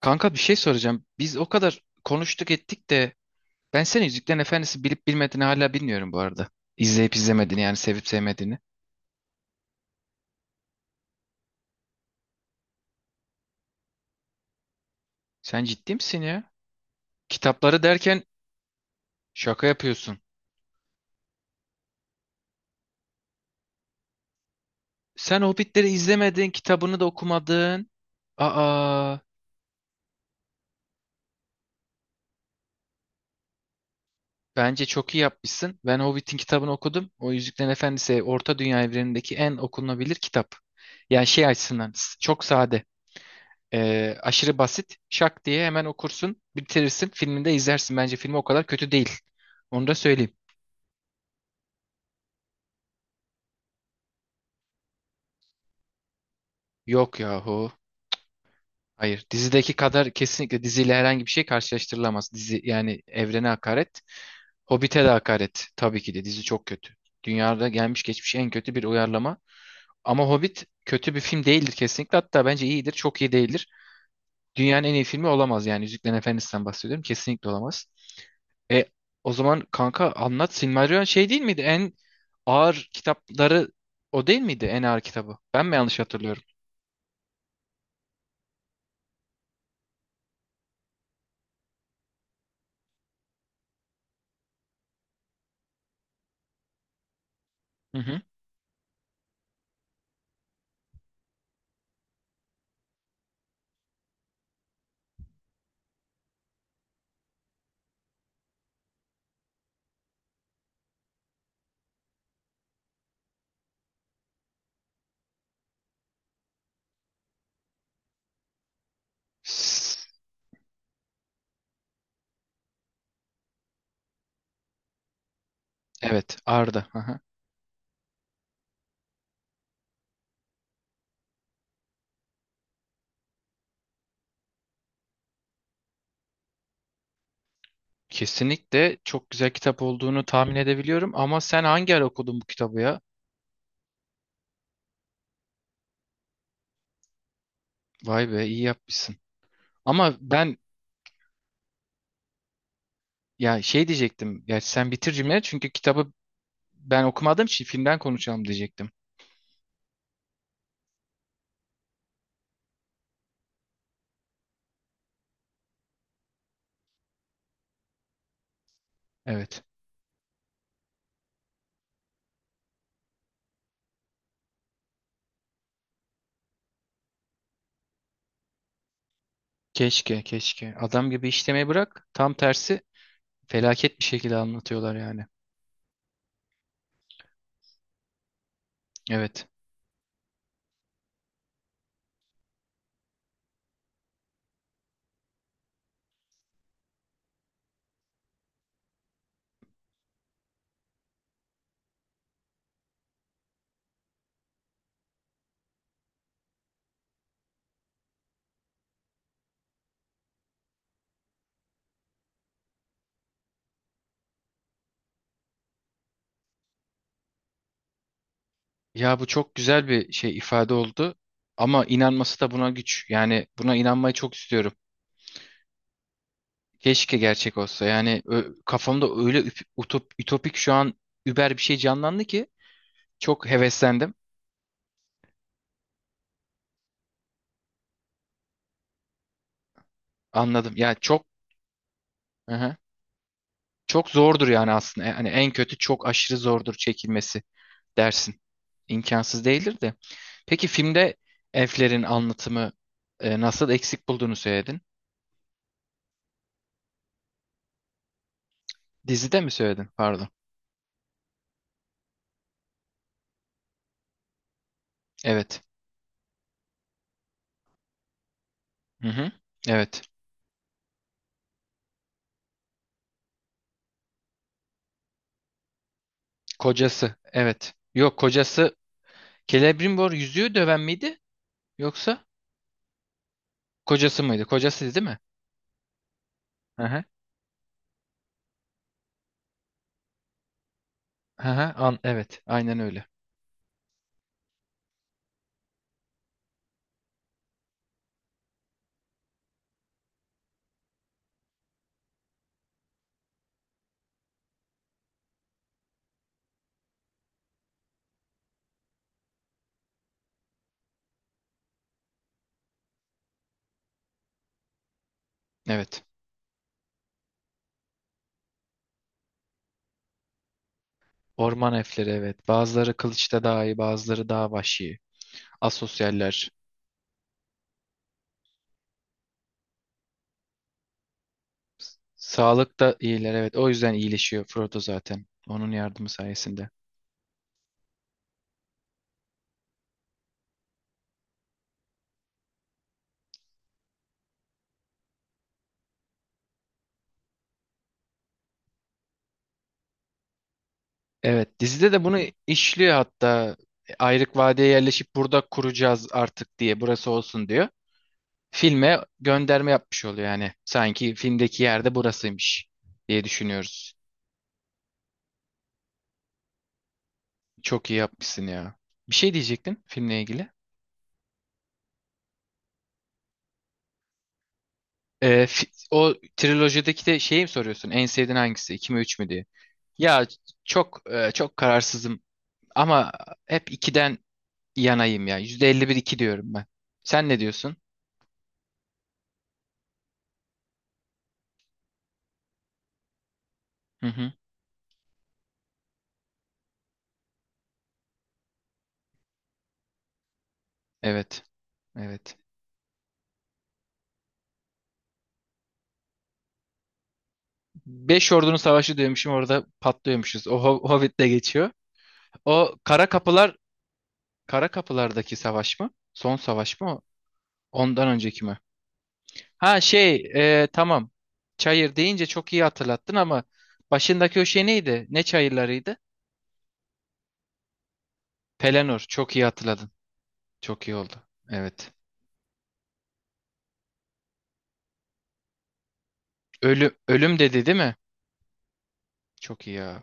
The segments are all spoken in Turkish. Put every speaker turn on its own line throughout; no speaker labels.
Kanka bir şey soracağım. Biz o kadar konuştuk ettik de ben senin Yüzüklerin Efendisi bilip bilmediğini hala bilmiyorum bu arada. İzleyip izlemediğini yani sevip sevmediğini. Sen ciddi misin ya? Kitapları derken şaka yapıyorsun. Sen Hobbitleri izlemedin, kitabını da okumadın. Aa, bence çok iyi yapmışsın. Ben Hobbit'in kitabını okudum. O Yüzüklerin Efendisi Orta Dünya evrenindeki en okunabilir kitap. Yani şey açısından çok sade. Aşırı basit. Şak diye hemen okursun, bitirirsin, filminde izlersin. Bence film o kadar kötü değil. Onu da söyleyeyim. Yok yahu. Hayır. Dizideki kadar kesinlikle diziyle herhangi bir şey karşılaştırılamaz. Dizi yani evrene hakaret. Hobbit'e de hakaret. Tabii ki de dizi çok kötü. Dünyada gelmiş geçmiş en kötü bir uyarlama. Ama Hobbit kötü bir film değildir kesinlikle. Hatta bence iyidir. Çok iyi değildir. Dünyanın en iyi filmi olamaz yani. Yüzüklerin Efendisi'nden bahsediyorum. Kesinlikle olamaz. E O zaman kanka anlat. Silmarillion şey değil miydi? En ağır kitapları o değil miydi? En ağır kitabı. Ben mi yanlış hatırlıyorum? Hı hı. S- Evet, Arda. Hı hı. Kesinlikle çok güzel kitap olduğunu tahmin edebiliyorum ama sen hangi ara okudun bu kitabı ya? Vay be iyi yapmışsın. Ama ben ya şey diyecektim. Ya sen bitir cümleyi çünkü kitabı ben okumadığım için filmden konuşalım diyecektim. Evet. Keşke, keşke. Adam gibi işlemeyi bırak. Tam tersi felaket bir şekilde anlatıyorlar yani. Evet. Ya bu çok güzel bir şey ifade oldu. Ama inanması da buna güç. Yani buna inanmayı çok istiyorum. Keşke gerçek olsa. Yani kafamda öyle ütopik şu an über bir şey canlandı ki çok heveslendim. Anladım. Yani çok hı hı. Çok zordur yani aslında. Yani en kötü çok aşırı zordur çekilmesi, dersin. İmkansız değildir de. Peki filmde elflerin anlatımı nasıl eksik bulduğunu söyledin? Dizide mi söyledin? Pardon. Evet. Hı hı. Evet. Kocası. Evet. Yok kocası Celebrimbor yüzüğü döven miydi? Yoksa kocası mıydı? Kocasıydı değil mi? Hı hı. Hı hı. An evet. Aynen öyle. Evet. Orman elfleri evet. Bazıları kılıçta daha iyi, bazıları daha vahşi. Asosyaller. Sağlık da iyiler evet. O yüzden iyileşiyor Frodo zaten. Onun yardımı sayesinde. Evet dizide de bunu işliyor hatta. Ayrık Vadi'ye yerleşip burada kuracağız artık diye burası olsun diyor. Filme gönderme yapmış oluyor yani. Sanki filmdeki yerde burasıymış diye düşünüyoruz. Çok iyi yapmışsın ya. Bir şey diyecektin filmle ilgili. O trilojideki de şeyi mi soruyorsun? En sevdiğin hangisi? İki mi 3 mü diye. Ya çok çok kararsızım ama hep ikiden yanayım ya. %51 iki diyorum ben. Sen ne diyorsun? Hı hı. Evet. Evet. Beş ordunun savaşı diyormuşum orada patlıyormuşuz. O Hobbit'te geçiyor. O Kara Kapılar'daki savaş mı? Son savaş mı? O? Ondan önceki mi? Ha şey tamam. Çayır deyince çok iyi hatırlattın ama başındaki o şey neydi? Ne çayırlarıydı? Pelennor. Çok iyi hatırladın. Çok iyi oldu. Evet. Ölüm, ölüm dedi değil mi? Çok iyi ya.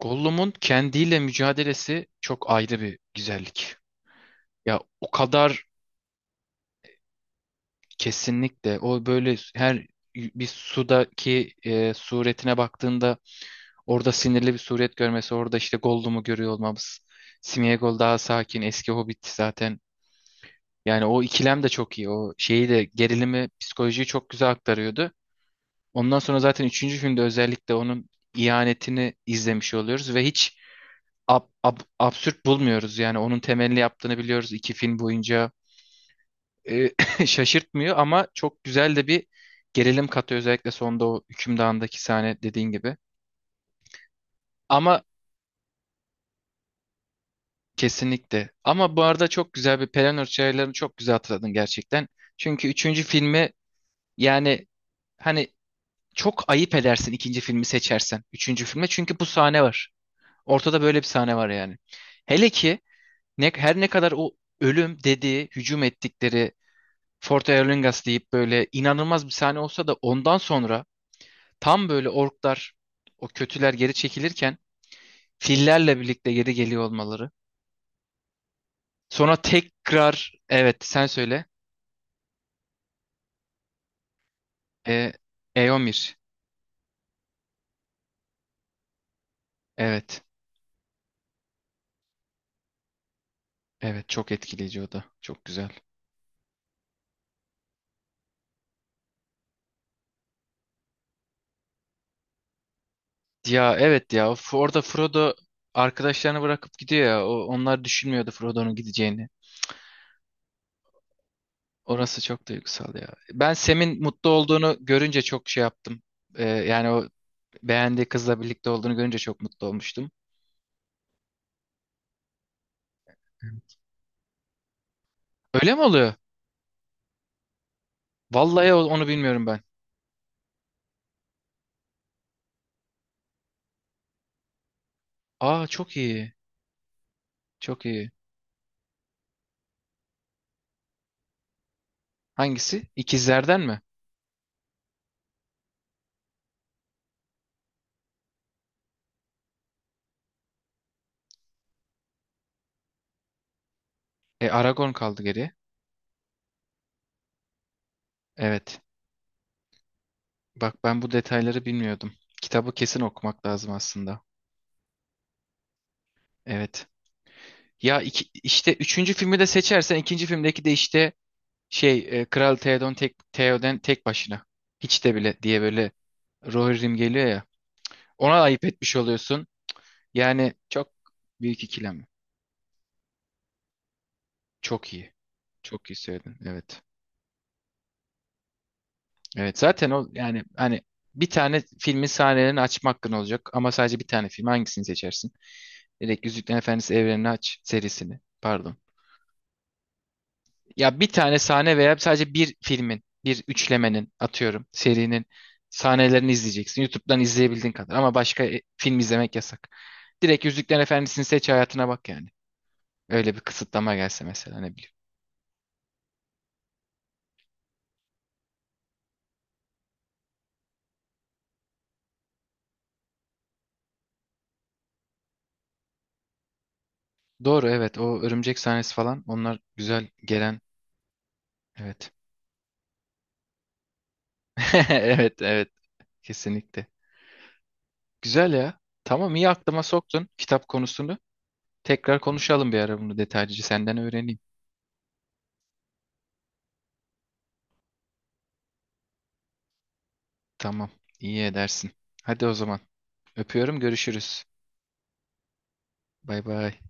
Gollum'un kendiyle mücadelesi çok ayrı bir güzellik. Ya o kadar kesinlikle o böyle her bir sudaki suretine baktığında orada sinirli bir suret görmesi, orada işte Gollum'u görüyor olmamız. Sméagol daha sakin, eski Hobbit zaten. Yani o ikilem de çok iyi. O şeyi de gerilimi, psikolojiyi çok güzel aktarıyordu. Ondan sonra zaten üçüncü filmde özellikle onun ihanetini izlemiş oluyoruz ve hiç absürt bulmuyoruz. Yani onun temelli yaptığını biliyoruz iki film boyunca. E, şaşırtmıyor ama çok güzel de bir gerilim katıyor özellikle sonda o hükümdağındaki sahne dediğin gibi. Ama kesinlikle. Ama bu arada çok güzel bir Pelennor çaylarını çok güzel hatırladın gerçekten. Çünkü üçüncü filmi yani hani çok ayıp edersin ikinci filmi seçersen. Üçüncü filme çünkü bu sahne var. Ortada böyle bir sahne var yani. Hele ki her ne kadar o ölüm dediği, hücum ettikleri Fort Erlingas deyip böyle inanılmaz bir sahne olsa da ondan sonra tam böyle orklar o kötüler geri çekilirken fillerle birlikte geri geliyor olmaları. Sonra tekrar evet sen söyle. E, Eomir. Evet. Evet çok etkileyici o da. Çok güzel. Ya evet ya orada Frodo arkadaşlarını bırakıp gidiyor ya. O, onlar düşünmüyordu Frodo'nun gideceğini. Orası çok duygusal ya. Ben Sam'in mutlu olduğunu görünce çok şey yaptım. Yani o beğendiği kızla birlikte olduğunu görünce çok mutlu olmuştum. Öyle mi oluyor? Vallahi onu bilmiyorum ben. Aa çok iyi. Çok iyi. Hangisi? İkizlerden mi? Aragorn kaldı geriye. Evet. Bak ben bu detayları bilmiyordum. Kitabı kesin okumak lazım aslında. Evet. Ya iki, işte üçüncü filmi de seçersen ikinci filmdeki de işte şey Kral Theoden tek başına. Hiç de bile diye böyle Rohirrim geliyor ya. Ona ayıp etmiş oluyorsun. Yani çok büyük ikilem. Çok iyi. Çok iyi söyledin. Evet. Evet zaten o yani hani bir tane filmin sahnelerini açma hakkın olacak ama sadece bir tane film hangisini seçersin? Direkt Yüzüklerin Efendisi evrenini aç serisini. Pardon. Ya bir tane sahne veya sadece bir filmin, bir üçlemenin atıyorum serinin sahnelerini izleyeceksin. YouTube'dan izleyebildiğin kadar ama başka film izlemek yasak. Direkt Yüzüklerin Efendisi'ni seç hayatına bak yani. Öyle bir kısıtlama gelse mesela ne bileyim. Doğru evet o örümcek sahnesi falan onlar güzel gelen evet. Evet, evet. Kesinlikle. Güzel ya. Tamam, iyi aklıma soktun kitap konusunu. Tekrar konuşalım bir ara bunu detaylıca. Senden öğreneyim. Tamam, iyi edersin. Hadi o zaman. Öpüyorum, görüşürüz. Bay bay.